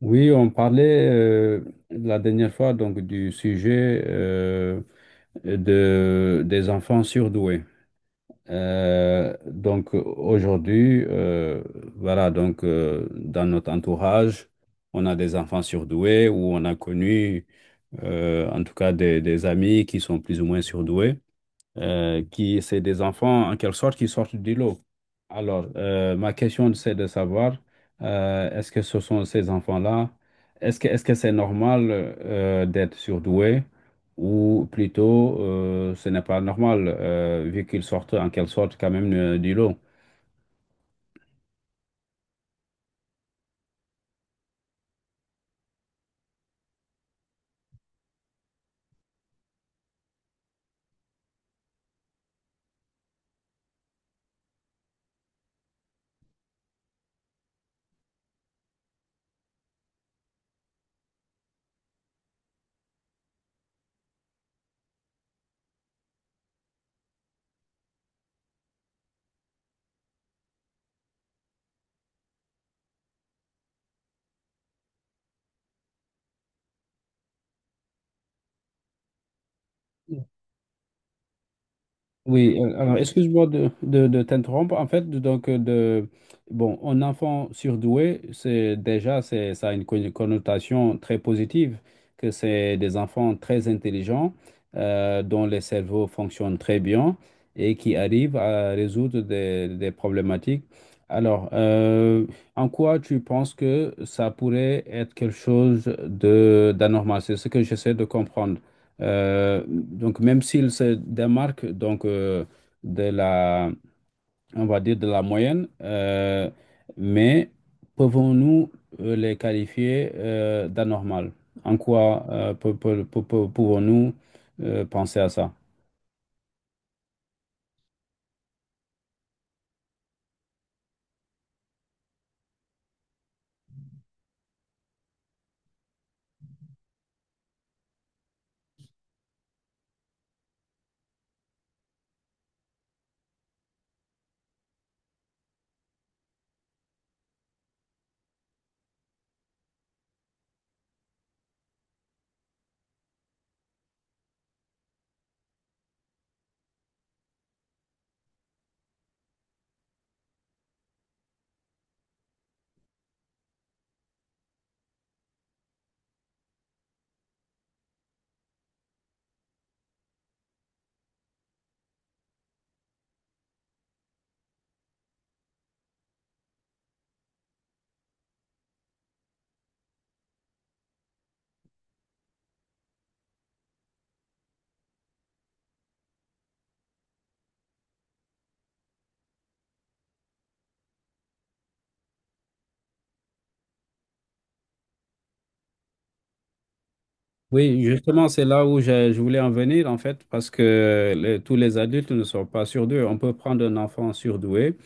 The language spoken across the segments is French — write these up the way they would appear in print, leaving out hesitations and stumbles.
Oui, on parlait la dernière fois donc du sujet des enfants surdoués. Donc aujourd'hui, voilà, donc dans notre entourage, on a des enfants surdoués ou on a connu en tout cas des amis qui sont plus ou moins surdoués qui, c'est des enfants en quelque sorte qui sortent du lot. Alors, ma question, c'est de savoir, est-ce que ce sont ces enfants-là, est-ce que c'est normal d'être surdoué ou plutôt ce n'est pas normal vu qu'ils sortent en quelque sorte quand même du lot? Oui, alors excuse-moi de t'interrompre. En fait, donc, bon, un enfant surdoué, ça a une connotation très positive, que c'est des enfants très intelligents, dont les cerveaux fonctionnent très bien et qui arrivent à résoudre des problématiques. Alors, en quoi tu penses que ça pourrait être quelque chose de d'anormal? C'est ce que j'essaie de comprendre. Même s'il se démarque donc, de la, on va dire de la moyenne, mais pouvons-nous les qualifier d'anormal? En quoi pouvons-nous penser à ça? Oui, justement, c'est là où je voulais en venir, en fait, parce que tous les adultes ne sont pas surdoués. On peut prendre un enfant surdoué.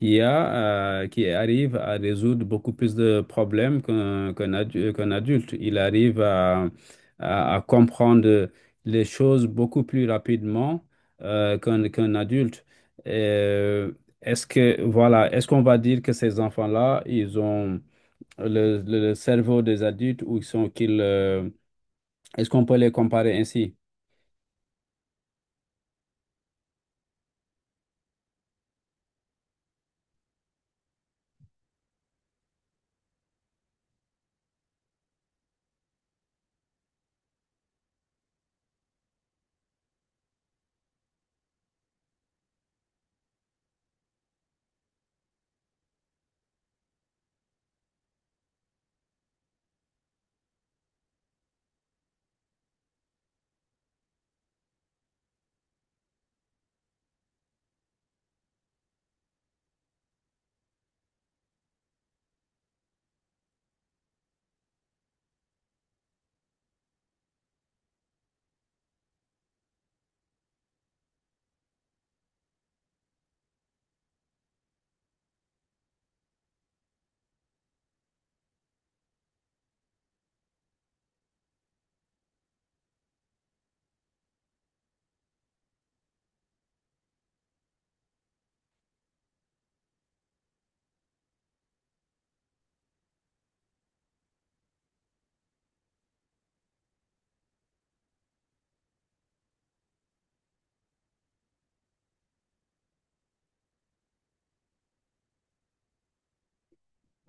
IA qui arrive à résoudre beaucoup plus de problèmes qu'un adulte. Il arrive à, à comprendre les choses beaucoup plus rapidement qu'un adulte. Euh, Est-ce que, voilà, est-ce qu'on va dire que ces enfants-là, ils ont le cerveau des adultes ou est-ce qu'on peut les comparer ainsi?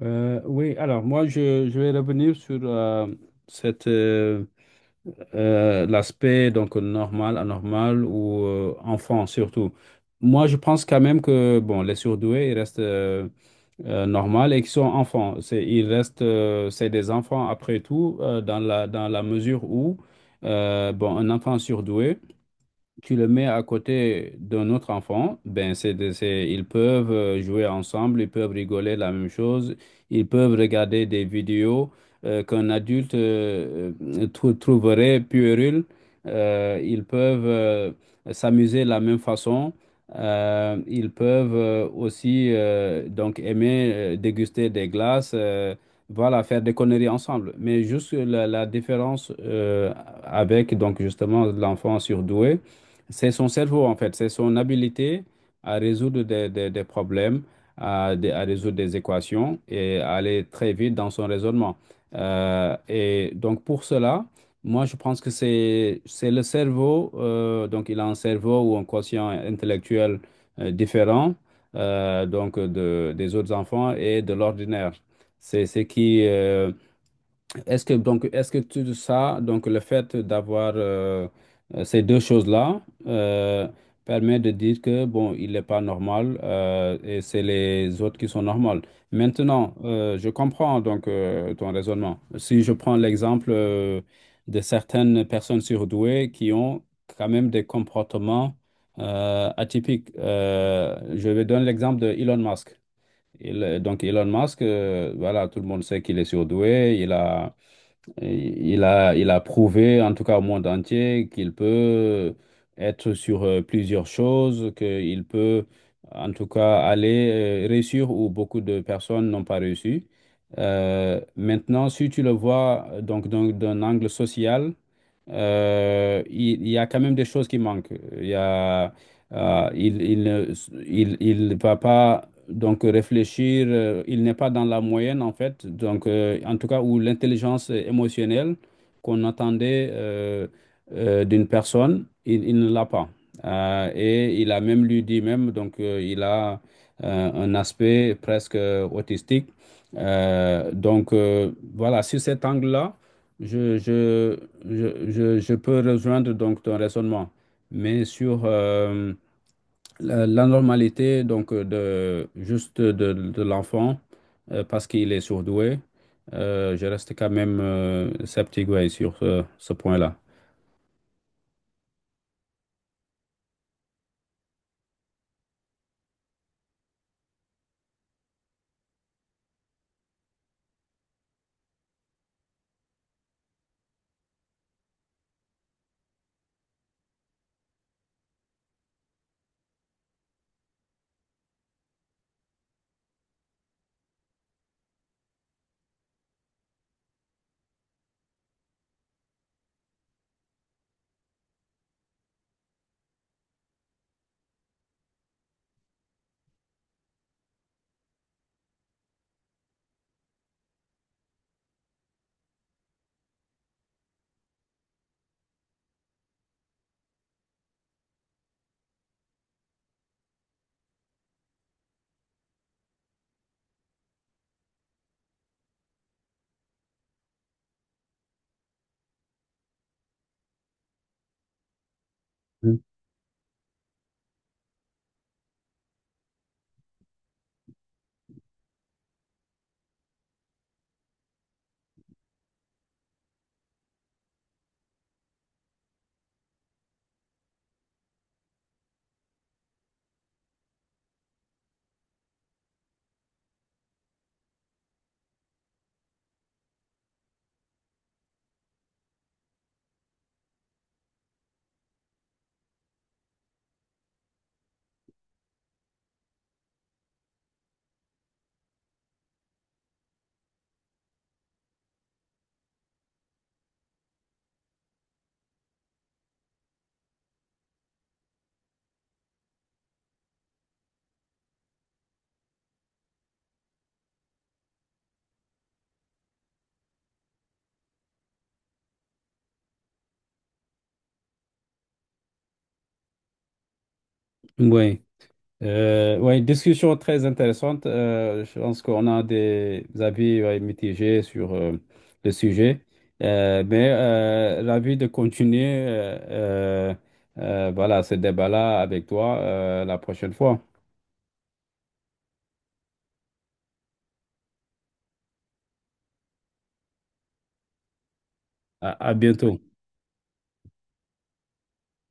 Oui, alors moi, je vais revenir sur cette l'aspect donc normal, anormal ou enfant surtout. Moi, je pense quand même que bon, les surdoués, ils restent normaux et qu'ils sont enfants. C'est, ils restent, c'est des enfants après tout, dans la mesure où bon, un enfant surdoué tu le mets à côté d'un autre enfant, ben ils peuvent jouer ensemble, ils peuvent rigoler de la même chose, ils peuvent regarder des vidéos qu'un adulte trouverait puérile, ils peuvent s'amuser de la même façon, ils peuvent aussi donc aimer déguster des glaces, voilà, faire des conneries ensemble. Mais juste la, la différence avec donc justement l'enfant surdoué. C'est son cerveau, en fait. C'est son habilité à résoudre des problèmes, à résoudre des équations et à aller très vite dans son raisonnement. Et donc, pour cela, moi, je pense que c'est le cerveau. Donc, il a un cerveau ou un quotient intellectuel différent donc des autres enfants et de l'ordinaire. C'est ce qui, est-ce que tout ça, donc le fait d'avoir ces deux choses-là permet de dire que bon, il n'est pas normal et c'est les autres qui sont normales. Maintenant, je comprends donc ton raisonnement. Si je prends l'exemple de certaines personnes surdouées qui ont quand même des comportements atypiques. Je vais donner l'exemple de Elon Musk. Donc Elon Musk, voilà, tout le monde sait qu'il est surdoué, il a prouvé, en tout cas au monde entier, qu'il peut être sur plusieurs choses, qu'il peut, en tout cas, aller réussir où beaucoup de personnes n'ont pas réussi. Maintenant, si tu le vois donc d'un angle social, il y a quand même des choses qui manquent. Il y a, euh, il, il, ne- il ne va pas donc réfléchir, il n'est pas dans la moyenne en fait, donc en tout cas où l'intelligence émotionnelle qu'on attendait d'une personne, il ne l'a pas. Et il a même lui dit même, donc il a un aspect presque autistique. Voilà, sur cet angle-là. Je, je, je peux rejoindre donc ton raisonnement, mais sur la, la normalité donc de juste de l'enfant parce qu'il est surdoué, je reste quand même sceptique, ouais, sur ce, ce point-là. Mm. Oui. Ouais, Discussion très intéressante. Je pense qu'on a des avis, ouais, mitigés sur le sujet. L'avis de continuer voilà, ce débat-là avec toi la prochaine fois. À à bientôt.